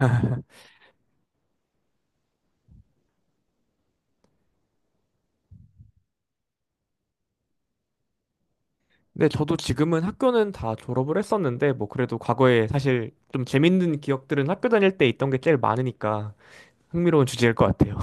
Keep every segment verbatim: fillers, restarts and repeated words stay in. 네, 저도 지금은 학교는 다 졸업을 했었는데, 뭐, 그래도 과거에 사실 좀 재밌는 기억들은 학교 다닐 때 있던 게 제일 많으니까 흥미로운 주제일 것 같아요.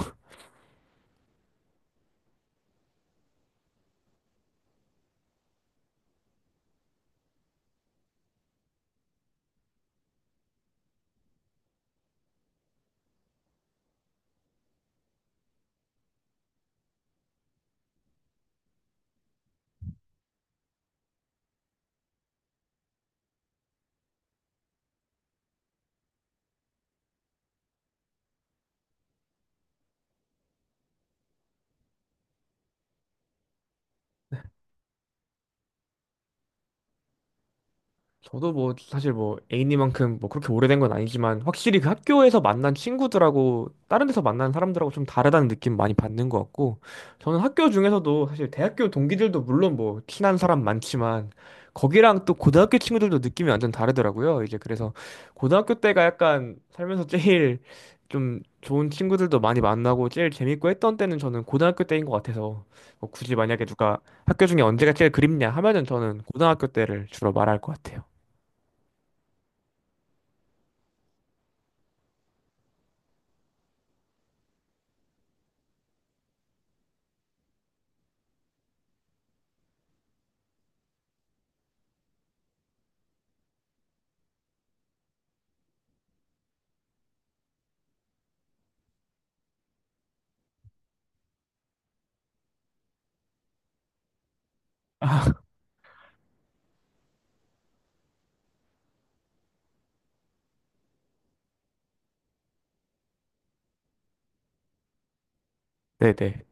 저도 뭐 사실 뭐 A님만큼 뭐 그렇게 오래된 건 아니지만, 확실히 그 학교에서 만난 친구들하고 다른 데서 만난 사람들하고 좀 다르다는 느낌 많이 받는 것 같고, 저는 학교 중에서도 사실 대학교 동기들도 물론 뭐 친한 사람 많지만, 거기랑 또 고등학교 친구들도 느낌이 완전 다르더라고요. 이제 그래서 고등학교 때가 약간 살면서 제일 좀 좋은 친구들도 많이 만나고 제일 재밌고 했던 때는 저는 고등학교 때인 것 같아서, 뭐 굳이 만약에 누가 학교 중에 언제가 제일 그립냐 하면은 저는 고등학교 때를 주로 말할 것 같아요. 아, 네네.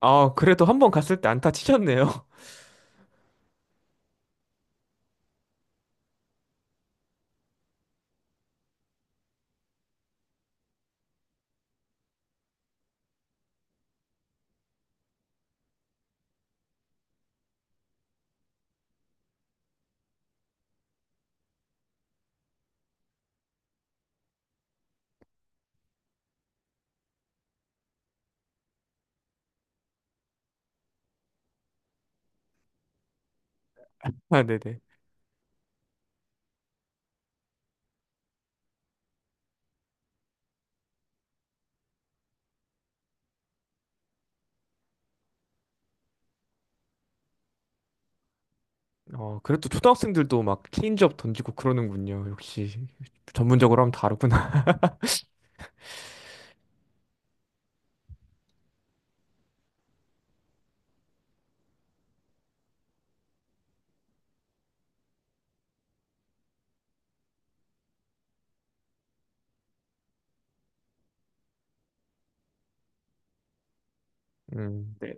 아, 그래도 한 번 갔을 때 안타 치셨네요. 아, 네네. 어, 그래도 초등학생들도 막 체인지업 던지고 그러는군요. 역시 전문적으로 하면 다르구나. 음, 네.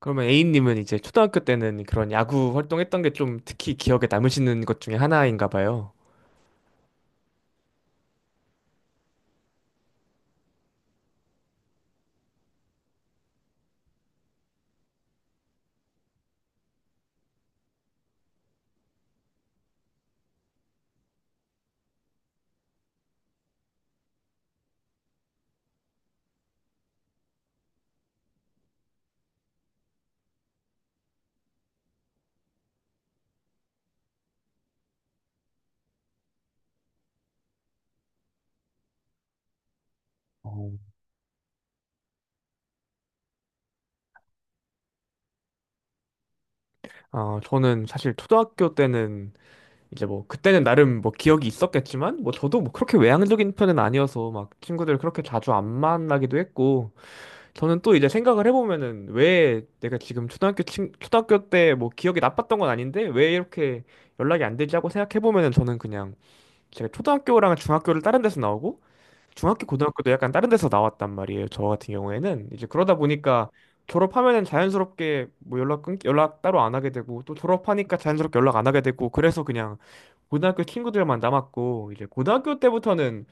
그러면 A님은 이제 초등학교 때는 그런 야구 활동했던 게 좀 특히 기억에 남으시는 것 중에 하나인가 봐요. 어, 아, 저는 사실 초등학교 때는 이제 뭐 그때는 나름 뭐 기억이 있었겠지만, 뭐 저도 뭐 그렇게 외향적인 편은 아니어서 막 친구들 그렇게 자주 안 만나기도 했고, 저는 또 이제 생각을 해보면은 왜 내가 지금 초등학교 친, 초등학교 때 뭐 기억이 나빴던 건 아닌데 왜 이렇게 연락이 안 되지 하고 생각해보면은, 저는 그냥 제가 초등학교랑 중학교를 다른 데서 나오고 중학교 고등학교도 약간 다른 데서 나왔단 말이에요. 저 같은 경우에는 이제 그러다 보니까 졸업하면은 자연스럽게 뭐 연락 끊 연락 따로 안 하게 되고 또 졸업하니까 자연스럽게 연락 안 하게 되고 그래서 그냥 고등학교 친구들만 남았고, 이제 고등학교 때부터는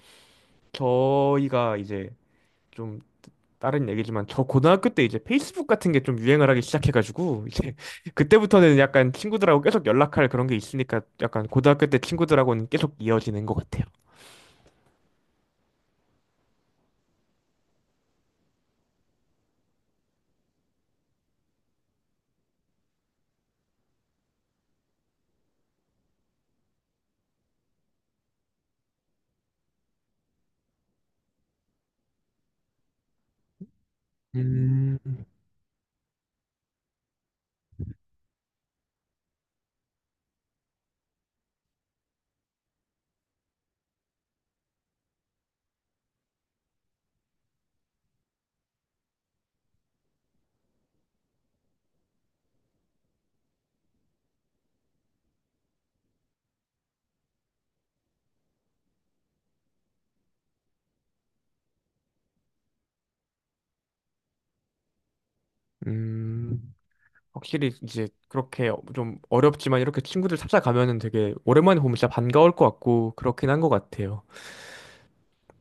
저희가 이제, 좀 다른 얘기지만, 저 고등학교 때 이제 페이스북 같은 게 좀 유행을 하기 시작해가지고 이제 그때부터는 약간 친구들하고 계속 연락할 그런 게 있으니까 약간 고등학교 때 친구들하고는 계속 이어지는 것 같아요. 음, 음, 확실히 이제 그렇게 좀 어렵지만 이렇게 친구들 찾아가면은 되게 오랜만에 보면 진짜 반가울 것 같고, 그렇긴 한 것 같아요.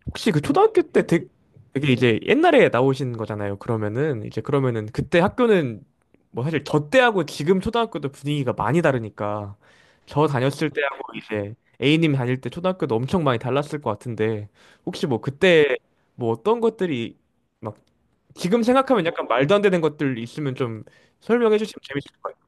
혹시 그 초등학교 때 되게, 되게 이제 옛날에 나오신 거잖아요. 그러면은 이제, 그러면은 그때 학교는, 뭐 사실 저 때하고 지금 초등학교도 분위기가 많이 다르니까 저 다녔을 때하고 이제 A님 다닐 때 초등학교도 엄청 많이 달랐을 것 같은데, 혹시 뭐 그때 뭐 어떤 것들이 막 지금 생각하면 약간 말도 안 되는 것들 있으면 좀 설명해 주시면 재밌을 것 같아요.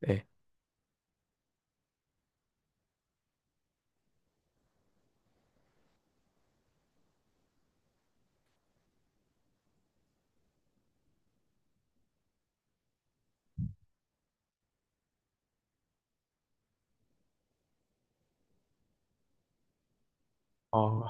네. 어,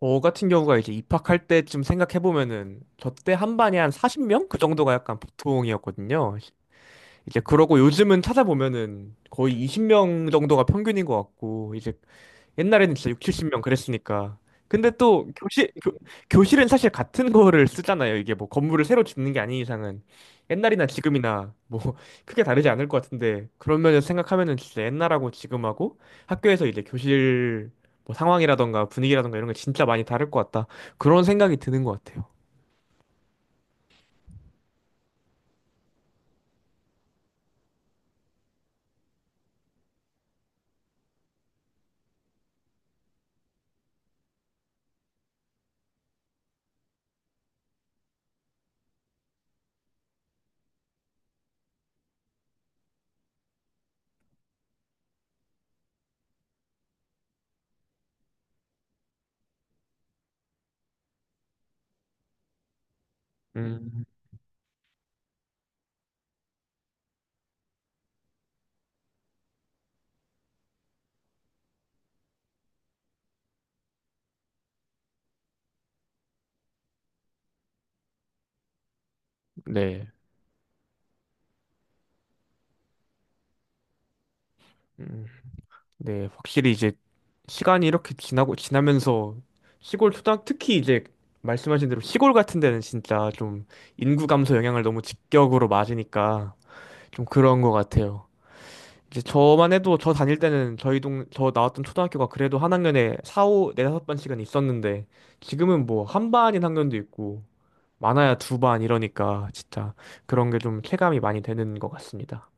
저 같은 경우가 이제 입학할 때쯤 생각해보면은 저 때 한 반에 한 사십 명? 그 정도가 약간 보통이었거든요. 이제 그러고 요즘은 찾아보면은 거의 이십 명 정도가 평균인 것 같고, 이제 옛날에는 진짜 육, 칠십 명 그랬으니까. 근데 또 교실 교, 교실은 사실 같은 거를 쓰잖아요. 이게 뭐 건물을 새로 짓는 게 아닌 이상은 옛날이나 지금이나 뭐 크게 다르지 않을 것 같은데, 그런면서 생각하면은 진짜 옛날하고 지금하고 학교에서 이제 교실 뭐 상황이라던가 분위기라던가 이런 게 진짜 많이 다를 것 같다, 그런 생각이 드는 것 같아요. 음, 네. 음. 네, 확실히 이제 시간이 이렇게 지나고 지나면서 시골 초등 특히 이제 말씀하신 대로 시골 같은 데는 진짜 좀 인구 감소 영향을 너무 직격으로 맞으니까 좀 그런 것 같아요. 이제 저만 해도 저 다닐 때는 저희 동 저 나왔던 초등학교가 그래도 한 학년에 네, 다섯, 네, 다섯 반씩은 있었는데, 지금은 뭐 한 반인 학년도 있고 많아야 두 반 이러니까 진짜 그런 게 좀 체감이 많이 되는 것 같습니다.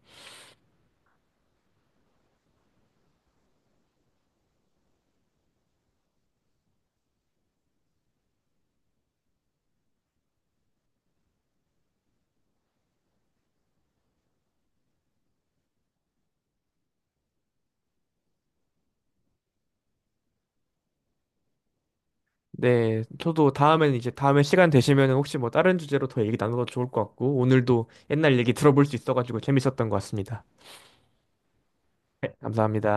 네, 저도 다음에는 이제 다음에 시간 되시면 혹시 뭐 다른 주제로 더 얘기 나눠도 좋을 것 같고, 오늘도 옛날 얘기 들어볼 수 있어가지고 재밌었던 것 같습니다. 네, 감사합니다.